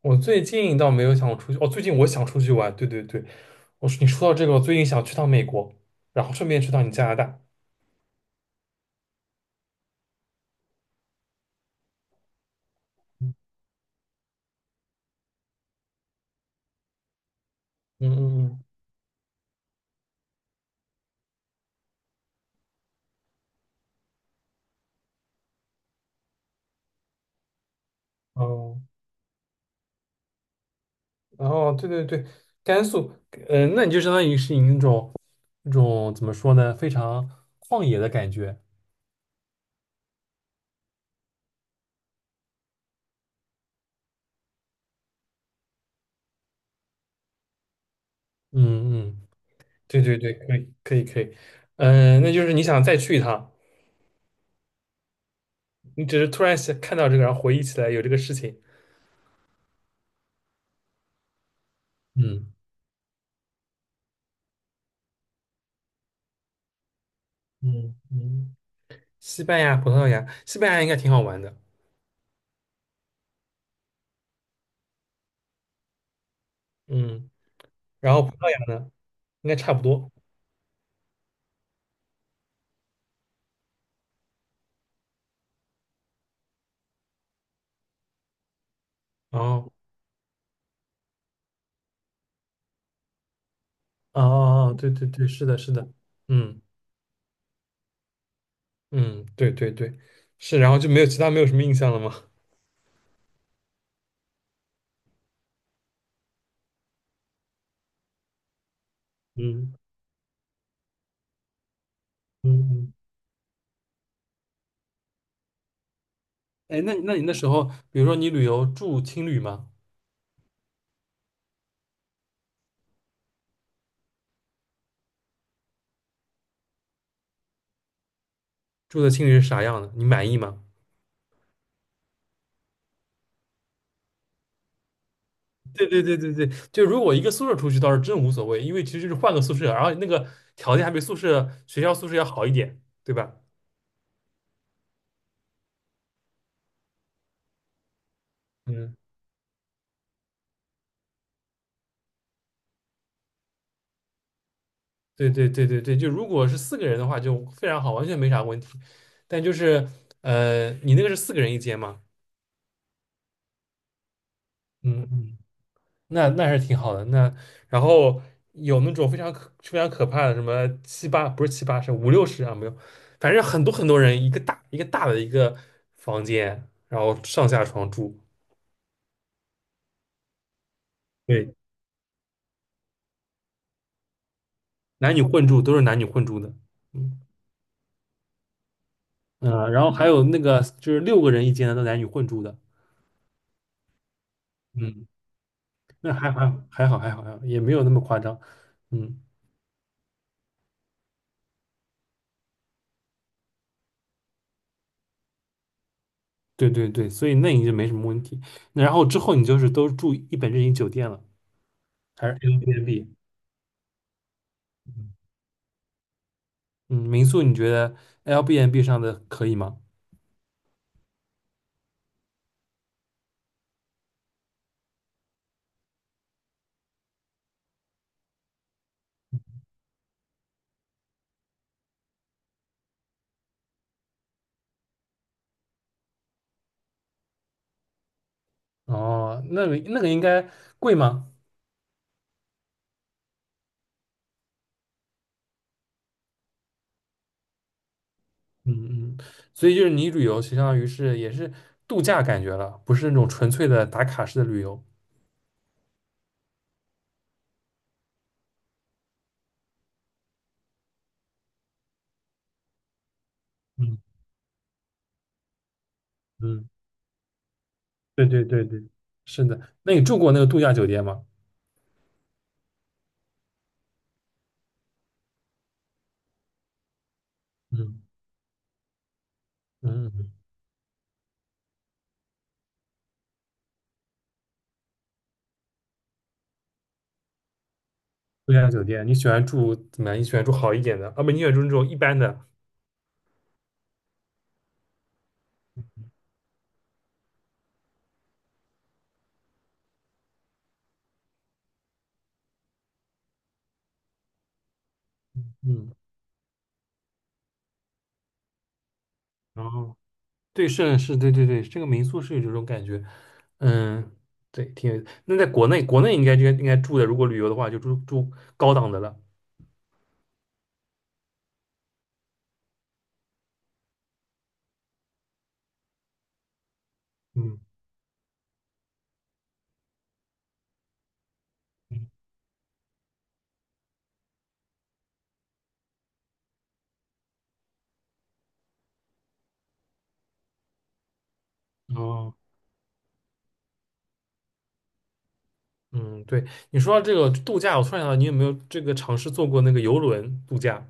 我最近倒没有想出去，哦，最近我想出去玩。对对对，我说你说到这个，我最近想去趟美国，然后顺便去趟你加拿大。嗯嗯嗯，哦，然后对对对，甘肃，嗯、那你就相当于是你那种怎么说呢，非常旷野的感觉。嗯嗯，对对对，可以可以可以，嗯、那就是你想再去一趟，你只是突然想看到这个，然后回忆起来有这个事情。嗯嗯嗯，西班牙、葡萄牙，西班牙应该挺好玩的。嗯。然后葡萄牙呢，应该差不多。哦，哦哦哦，对对对，是的，是的，嗯嗯，对对对，是，然后就没有其他没有什么印象了吗？嗯嗯，哎，那你那时候，比如说你旅游住青旅吗？住的青旅是啥样的？你满意吗？对对对对对，就如果一个宿舍出去倒是真无所谓，因为其实就是换个宿舍，然后那个条件还比宿舍学校宿舍要好一点，对吧？嗯对对对对对，就如果是四个人的话，就非常好，完全没啥问题。但就是你那个是四个人一间吗？嗯嗯，那是挺好的。那然后有那种非常可怕的，什么七八不是七八，是五六十啊，没有，反正很多很多人一个大的一个房间，然后上下床住，对，男女混住都是男女混住的。嗯嗯，然后还有那个就是六个人一间的，都男女混住的。嗯。那还还好还好还好，也没有那么夸张。嗯，对对对，所以那你就没什么问题。那然后之后你就是都住一本正经酒店了，还是 Airbnb？嗯，民宿你觉得哎 Airbnb 上的可以吗？哦，那个应该贵吗？嗯嗯，所以就是你旅游相当于是也是度假感觉了，不是那种纯粹的打卡式的旅游。嗯嗯，对对对对，是的。那你住过那个度假酒店吗？嗯嗯。度假酒店，你喜欢住怎么样？你喜欢住好一点的，啊不，你喜欢住那种一般的，嗯，然后对，是是，对对对，这个民宿是有这种感觉，嗯，对，挺有。那在国内，国内应该就应该住的，如果旅游的话，就住住高档的了，嗯，嗯哦，嗯，对，你说到这个度假，我突然想到，你有没有这个尝试坐过那个游轮度假？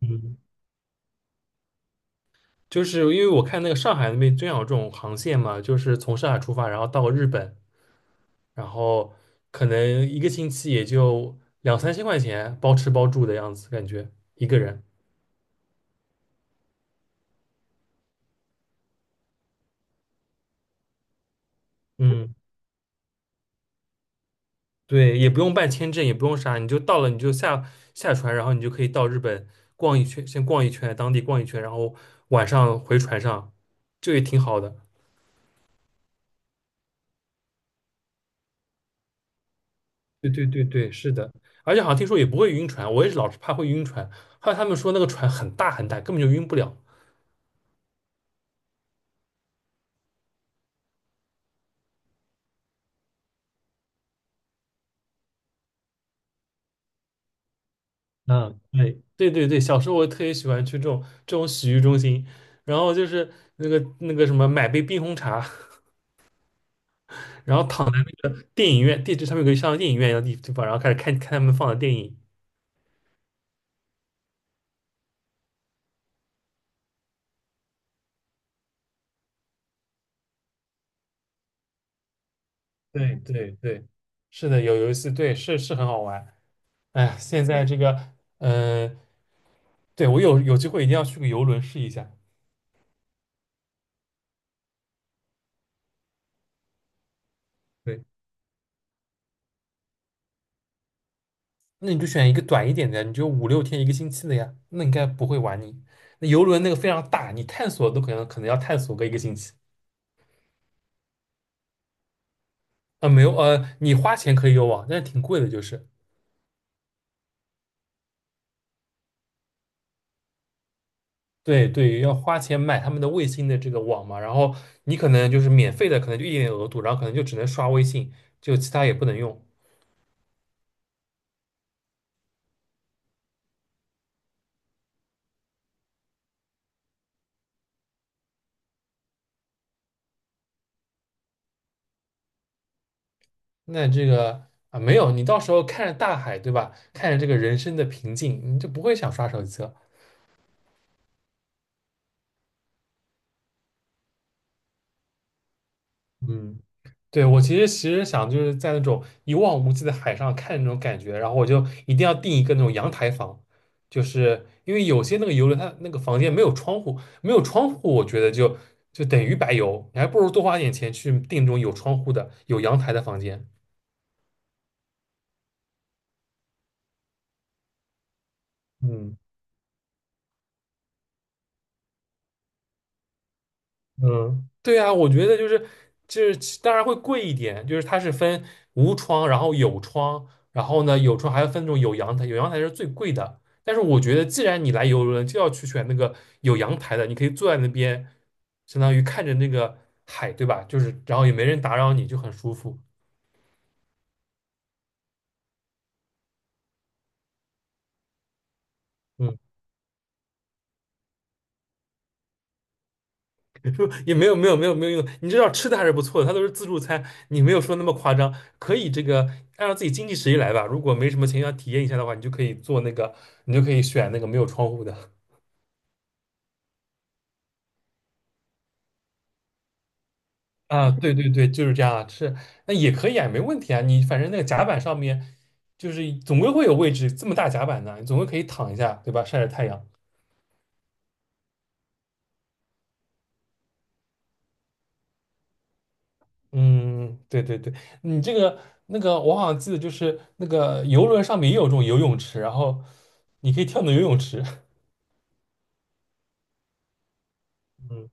嗯，就是因为我看那个上海那边真有这种航线嘛，就是从上海出发，然后到日本，然后可能一个星期也就两三千块钱，包吃包住的样子，感觉一个人。嗯，对，也不用办签证，也不用啥，你就到了你就下船，然后你就可以到日本逛一圈，先逛一圈，当地逛一圈，然后晚上回船上，这也挺好的。对对对对，是的，而且好像听说也不会晕船，我也是老是怕会晕船。后来他们说那个船很大很大，根本就晕不了。嗯，对对对对，小时候我特别喜欢去这种洗浴中心，然后就是那个什么买杯冰红茶，然后躺在电影院地址上面有个像电影院一样的地方，然后开始看看他们放的电影。对对对，是的，有游戏，对，是很好玩。哎，现在这个，呃，对我有机会一定要去个游轮试一下。对，那你就选一个短一点的，你就五六天一个星期的呀，那应该不会玩你。那游轮那个非常大，你探索都可能要探索个一个星期。啊，没有，你花钱可以有网，但是挺贵的，就是对对，要花钱买他们的卫星的这个网嘛。然后你可能就是免费的，可能就一点点额度，然后可能就只能刷微信，就其他也不能用。那这个啊，没有，你到时候看着大海，对吧？看着这个人生的平静，你就不会想刷手机了。嗯。对，我其实想就是在那种一望无际的海上看那种感觉，然后我就一定要订一个那种阳台房，就是因为有些那个游轮它那个房间没有窗户，没有窗户，我觉得就等于白游，你还不如多花点钱去订那种有窗户的、有阳台的房间。嗯。嗯，对啊，我觉得就是当然会贵一点，就是它是分无窗，然后有窗，然后呢有窗还要分那种有阳台，有阳台是最贵的。但是我觉得既然你来游轮，就要去选那个有阳台的，你可以坐在那边，相当于看着那个海，对吧？就是然后也没人打扰你，就很舒服。嗯。也没有用，你知道吃的还是不错的，它都是自助餐，你没有说那么夸张，可以这个按照自己经济实力来吧。如果没什么钱要体验一下的话，你就可以做那个，你就可以选那个没有窗户的啊。对对对，就是这样啊，是那也可以啊，没问题啊。你反正那个甲板上面就是总归会有位置，这么大甲板呢，你总归可以躺一下，对吧？晒晒太阳。嗯，对对对，你这个那个，我好像记得就是那个游轮上面也有这种游泳池，然后你可以跳到游泳池。嗯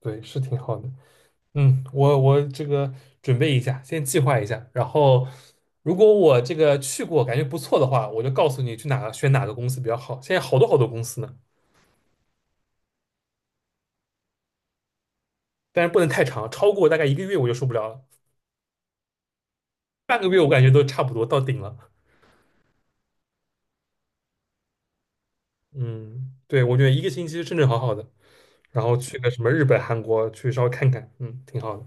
对，是挺好的。嗯，我这个准备一下，先计划一下，然后如果我这个去过感觉不错的话，我就告诉你去哪个选哪个公司比较好。现在好多好多公司呢，但是不能太长，超过大概一个月我就受不了了，半个月我感觉都差不多到顶了。嗯，对，我觉得一个星期是正正好好的，然后去个什么日本、韩国去稍微看看，嗯，挺好的。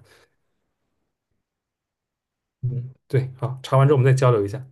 嗯，对，好，查完之后我们再交流一下。